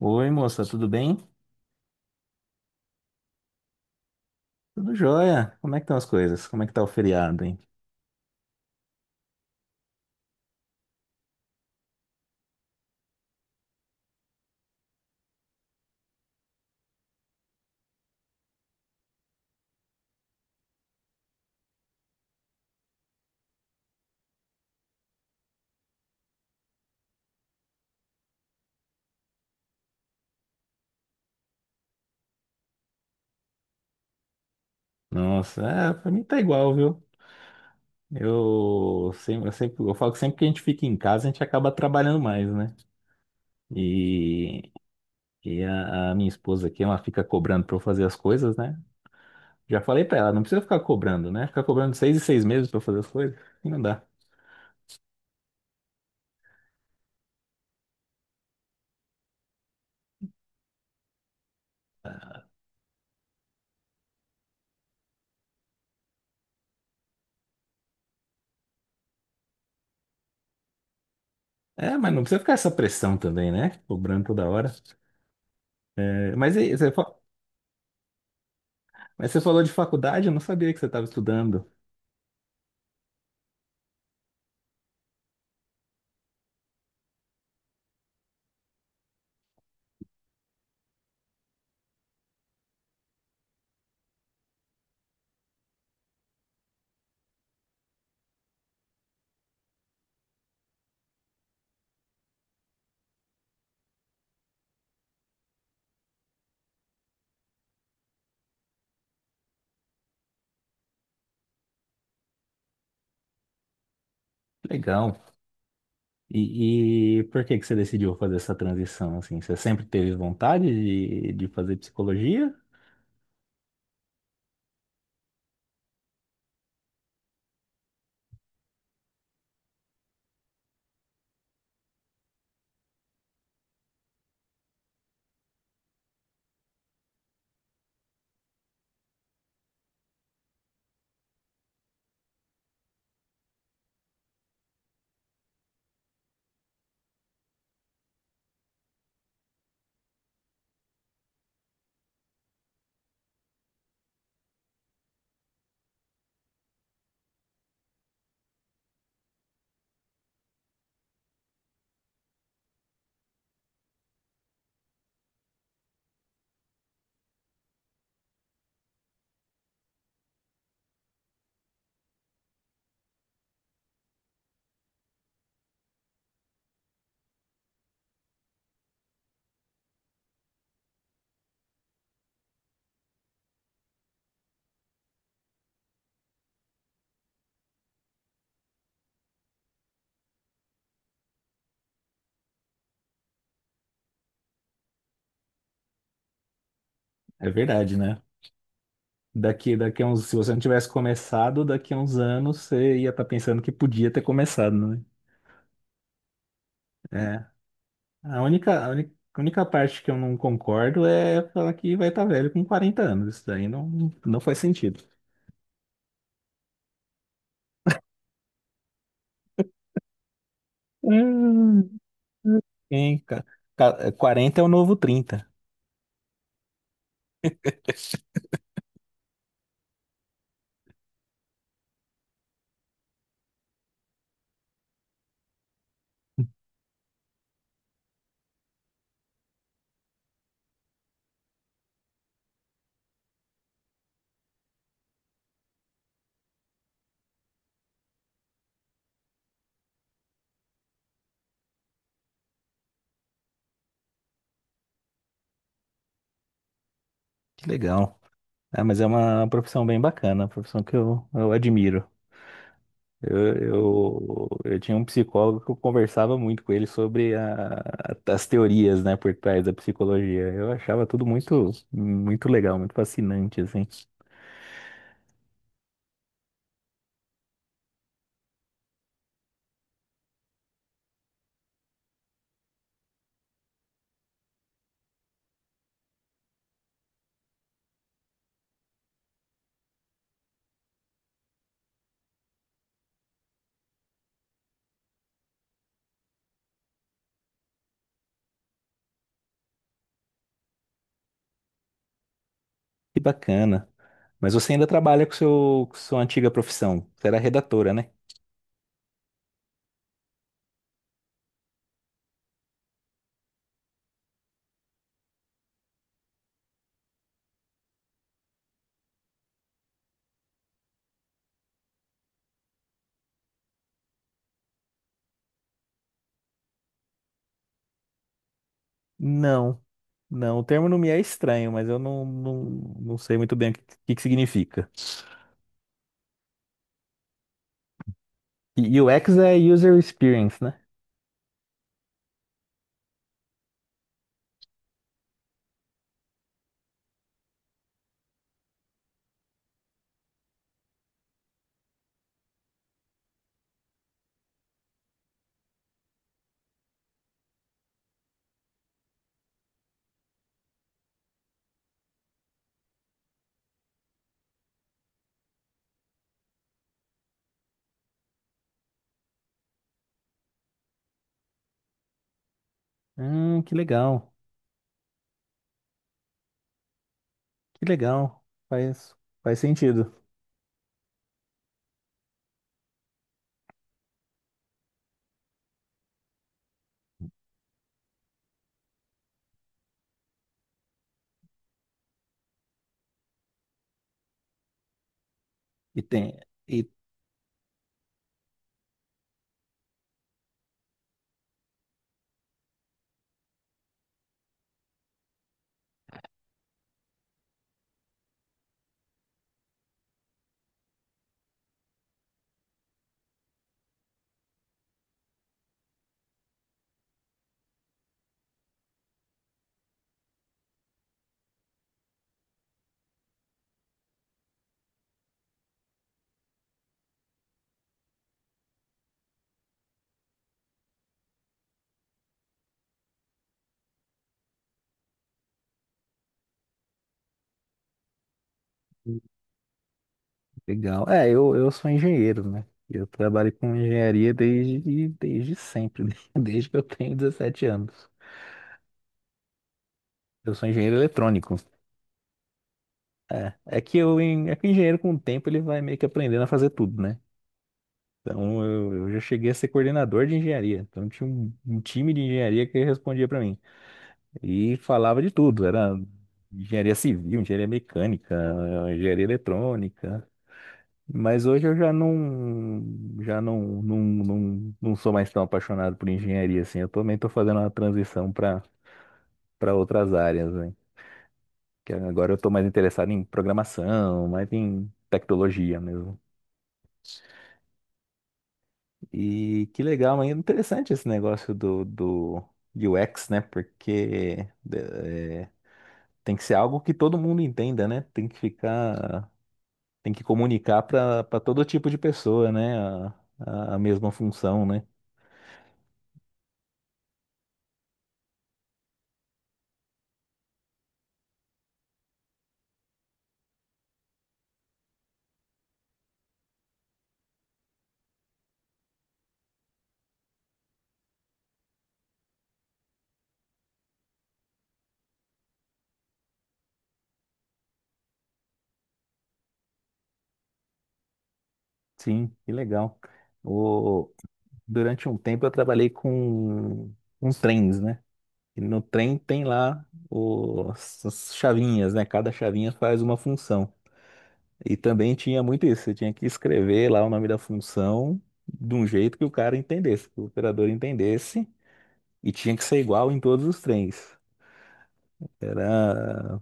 Oi, moça, tudo bem? Tudo jóia. Como é que estão as coisas? Como é que tá o feriado, hein? Nossa, é, pra mim tá igual, viu? Eu sempre, eu falo que sempre que a gente fica em casa, a gente acaba trabalhando mais, né? E, e a minha esposa aqui, ela fica cobrando pra eu fazer as coisas, né? Já falei pra ela, não precisa ficar cobrando, né? Ficar cobrando seis e seis meses pra eu fazer as coisas, assim não dá. É, mas não precisa ficar essa pressão também, né? Cobrando toda hora. É, mas, e- você, fa- mas você falou de faculdade, eu não sabia que você estava estudando. Legal. E por que que você decidiu fazer essa transição, assim? Você sempre teve vontade de fazer psicologia? É verdade, né? Se você não tivesse começado, daqui a uns anos você ia estar pensando que podia ter começado, né? É. A única a única parte que eu não concordo é falar que vai estar velho com 40 anos. Isso daí não, não faz sentido. Hum. Hein, ca- 40 é o novo 30. Que legal. Ah, mas é uma profissão bem bacana, uma profissão que eu admiro. Eu tinha um psicólogo que eu conversava muito com ele sobre as teorias, né, por trás da psicologia. Eu achava tudo muito, muito legal, muito fascinante, assim. Que bacana. Mas você ainda trabalha com seu, com sua antiga profissão. Você era redatora, né? Não, não. O termo não me é estranho, mas eu não sei muito bem que significa. E UX é User Experience, né? Que legal, que legal. Faz, faz sentido. E tem. E legal. É, eu sou engenheiro, né? Eu trabalho com engenharia desde, desde sempre, desde que eu tenho 17 anos. Eu sou engenheiro eletrônico. É, é que é que o engenheiro com o tempo ele vai meio que aprendendo a fazer tudo, né? Então eu já cheguei a ser coordenador de engenharia. Então tinha um time de engenharia que respondia para mim. E falava de tudo. Era engenharia civil, engenharia mecânica, engenharia eletrônica. Mas hoje eu já não sou mais tão apaixonado por engenharia assim. Eu também estou fazendo uma transição para outras áreas, né? Que agora eu estou mais interessado em programação, mais em tecnologia mesmo. E que legal, mas é interessante esse negócio do UX, né? Porque eh, tem que ser algo que todo mundo entenda, né? Tem que ficar, tem que comunicar para todo tipo de pessoa, né? A mesma função, né? Sim, que legal. O, durante um tempo eu trabalhei com trens, né? E no trem tem lá os, as chavinhas, né? Cada chavinha faz uma função. E também tinha muito isso, você tinha que escrever lá o nome da função de um jeito que o cara entendesse, que o operador entendesse, e tinha que ser igual em todos os trens. Era,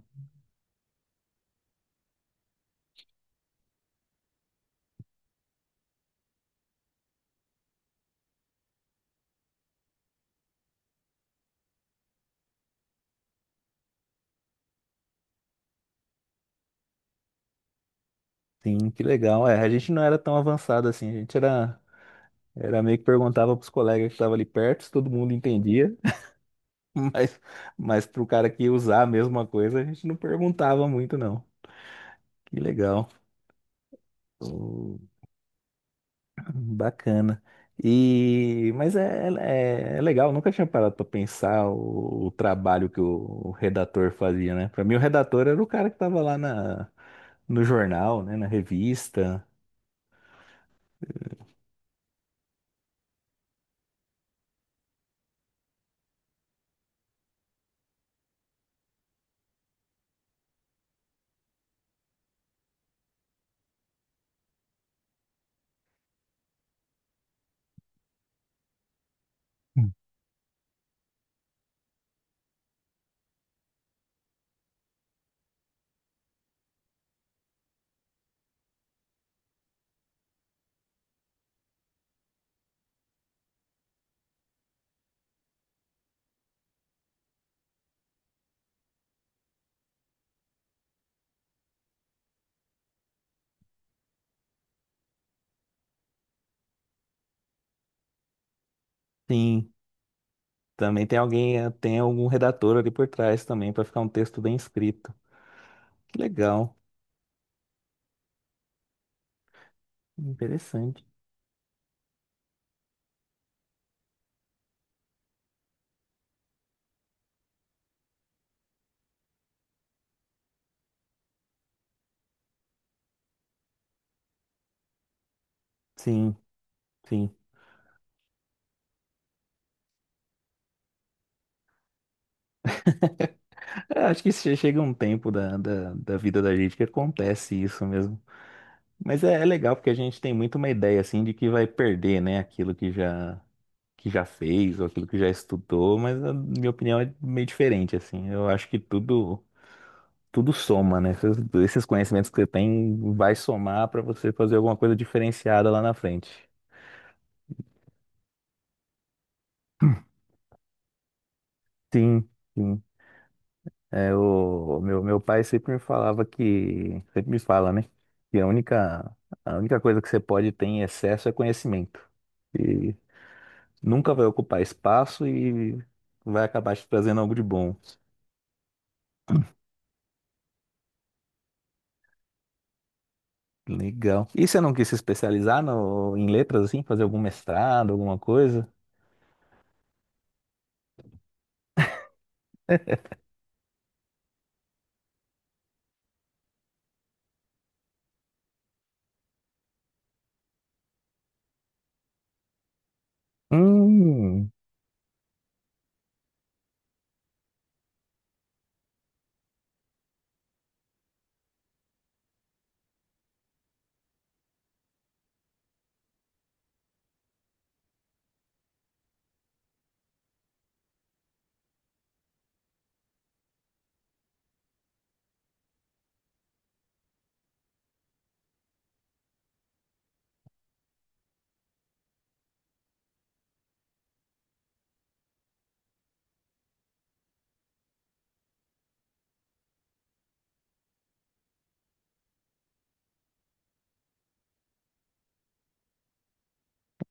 sim, que legal. É, a gente não era tão avançado assim, a gente era, era meio que perguntava pros colegas que estavam ali perto, se todo mundo entendia. Mas, mas pro cara que ia usar a mesma coisa, a gente não perguntava muito, não. Que legal. Hum. Bacana. E, mas é, é, é legal, nunca tinha parado para pensar o trabalho que o redator fazia, né? Para mim, o redator era o cara que estava lá na, no jornal, né? Na revista. Hum. Sim, também tem alguém, tem algum redator ali por trás também para ficar um texto bem escrito. Que legal, interessante. Sim, sim. É, acho que chega um tempo da, da vida da gente que acontece isso mesmo. Mas é, é legal porque a gente tem muito uma ideia assim de que vai perder, né, aquilo que já fez ou aquilo que já estudou, mas na minha opinião é meio diferente assim. Eu acho que tudo soma, né? Esses conhecimentos que você tem vai somar para você fazer alguma coisa diferenciada lá na frente. Sim, sim. É, meu pai sempre me falava que, sempre me fala, né? Que a única coisa que você pode ter em excesso é conhecimento. E nunca vai ocupar espaço e vai acabar te trazendo algo de bom. Legal. E você não quis se especializar no, em letras, assim? Fazer algum mestrado, alguma coisa? Hum,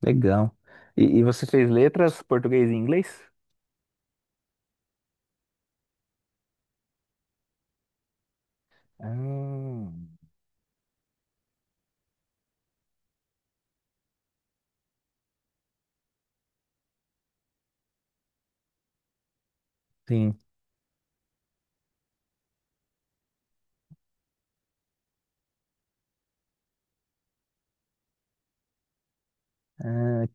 legal. E você fez letras, português e inglês? Hum, sim. Ah,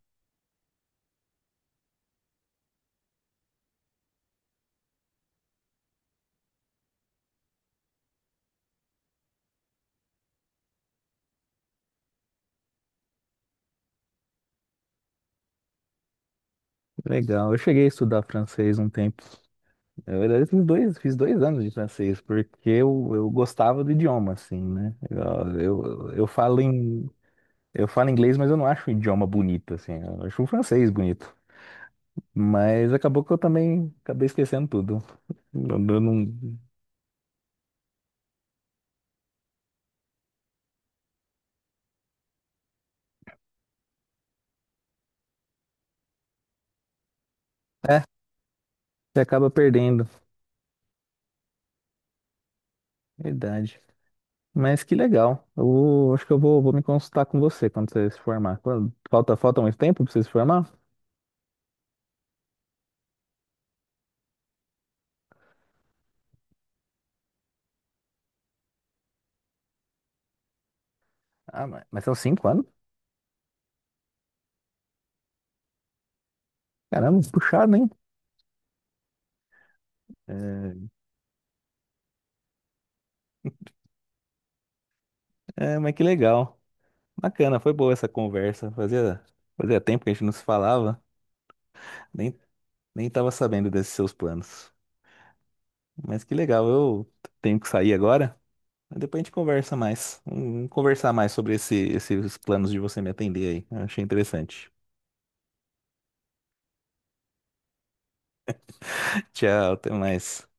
que legal. Eu cheguei a estudar francês um tempo. Na verdade, fiz dois anos de francês, porque eu gostava do idioma, assim, né? Eu falo em, eu falo inglês, mas eu não acho o idioma bonito, assim. Eu acho o francês bonito. Mas acabou que eu também acabei esquecendo tudo. Eu, eu não, é, você acaba perdendo. Verdade. Mas que legal. Acho que vou me consultar com você quando você se formar. Falta, falta muito tempo pra você se formar? Ah, mas são cinco anos? Caramba, puxado, hein? É, é, mas que legal. Bacana, foi boa essa conversa. Fazia, fazia tempo que a gente não se falava, nem, nem tava sabendo desses seus planos. Mas que legal, eu tenho que sair agora, mas depois a gente conversa mais. Vamos conversar mais sobre esses planos de você me atender aí. Eu achei interessante. Tchau, até mais.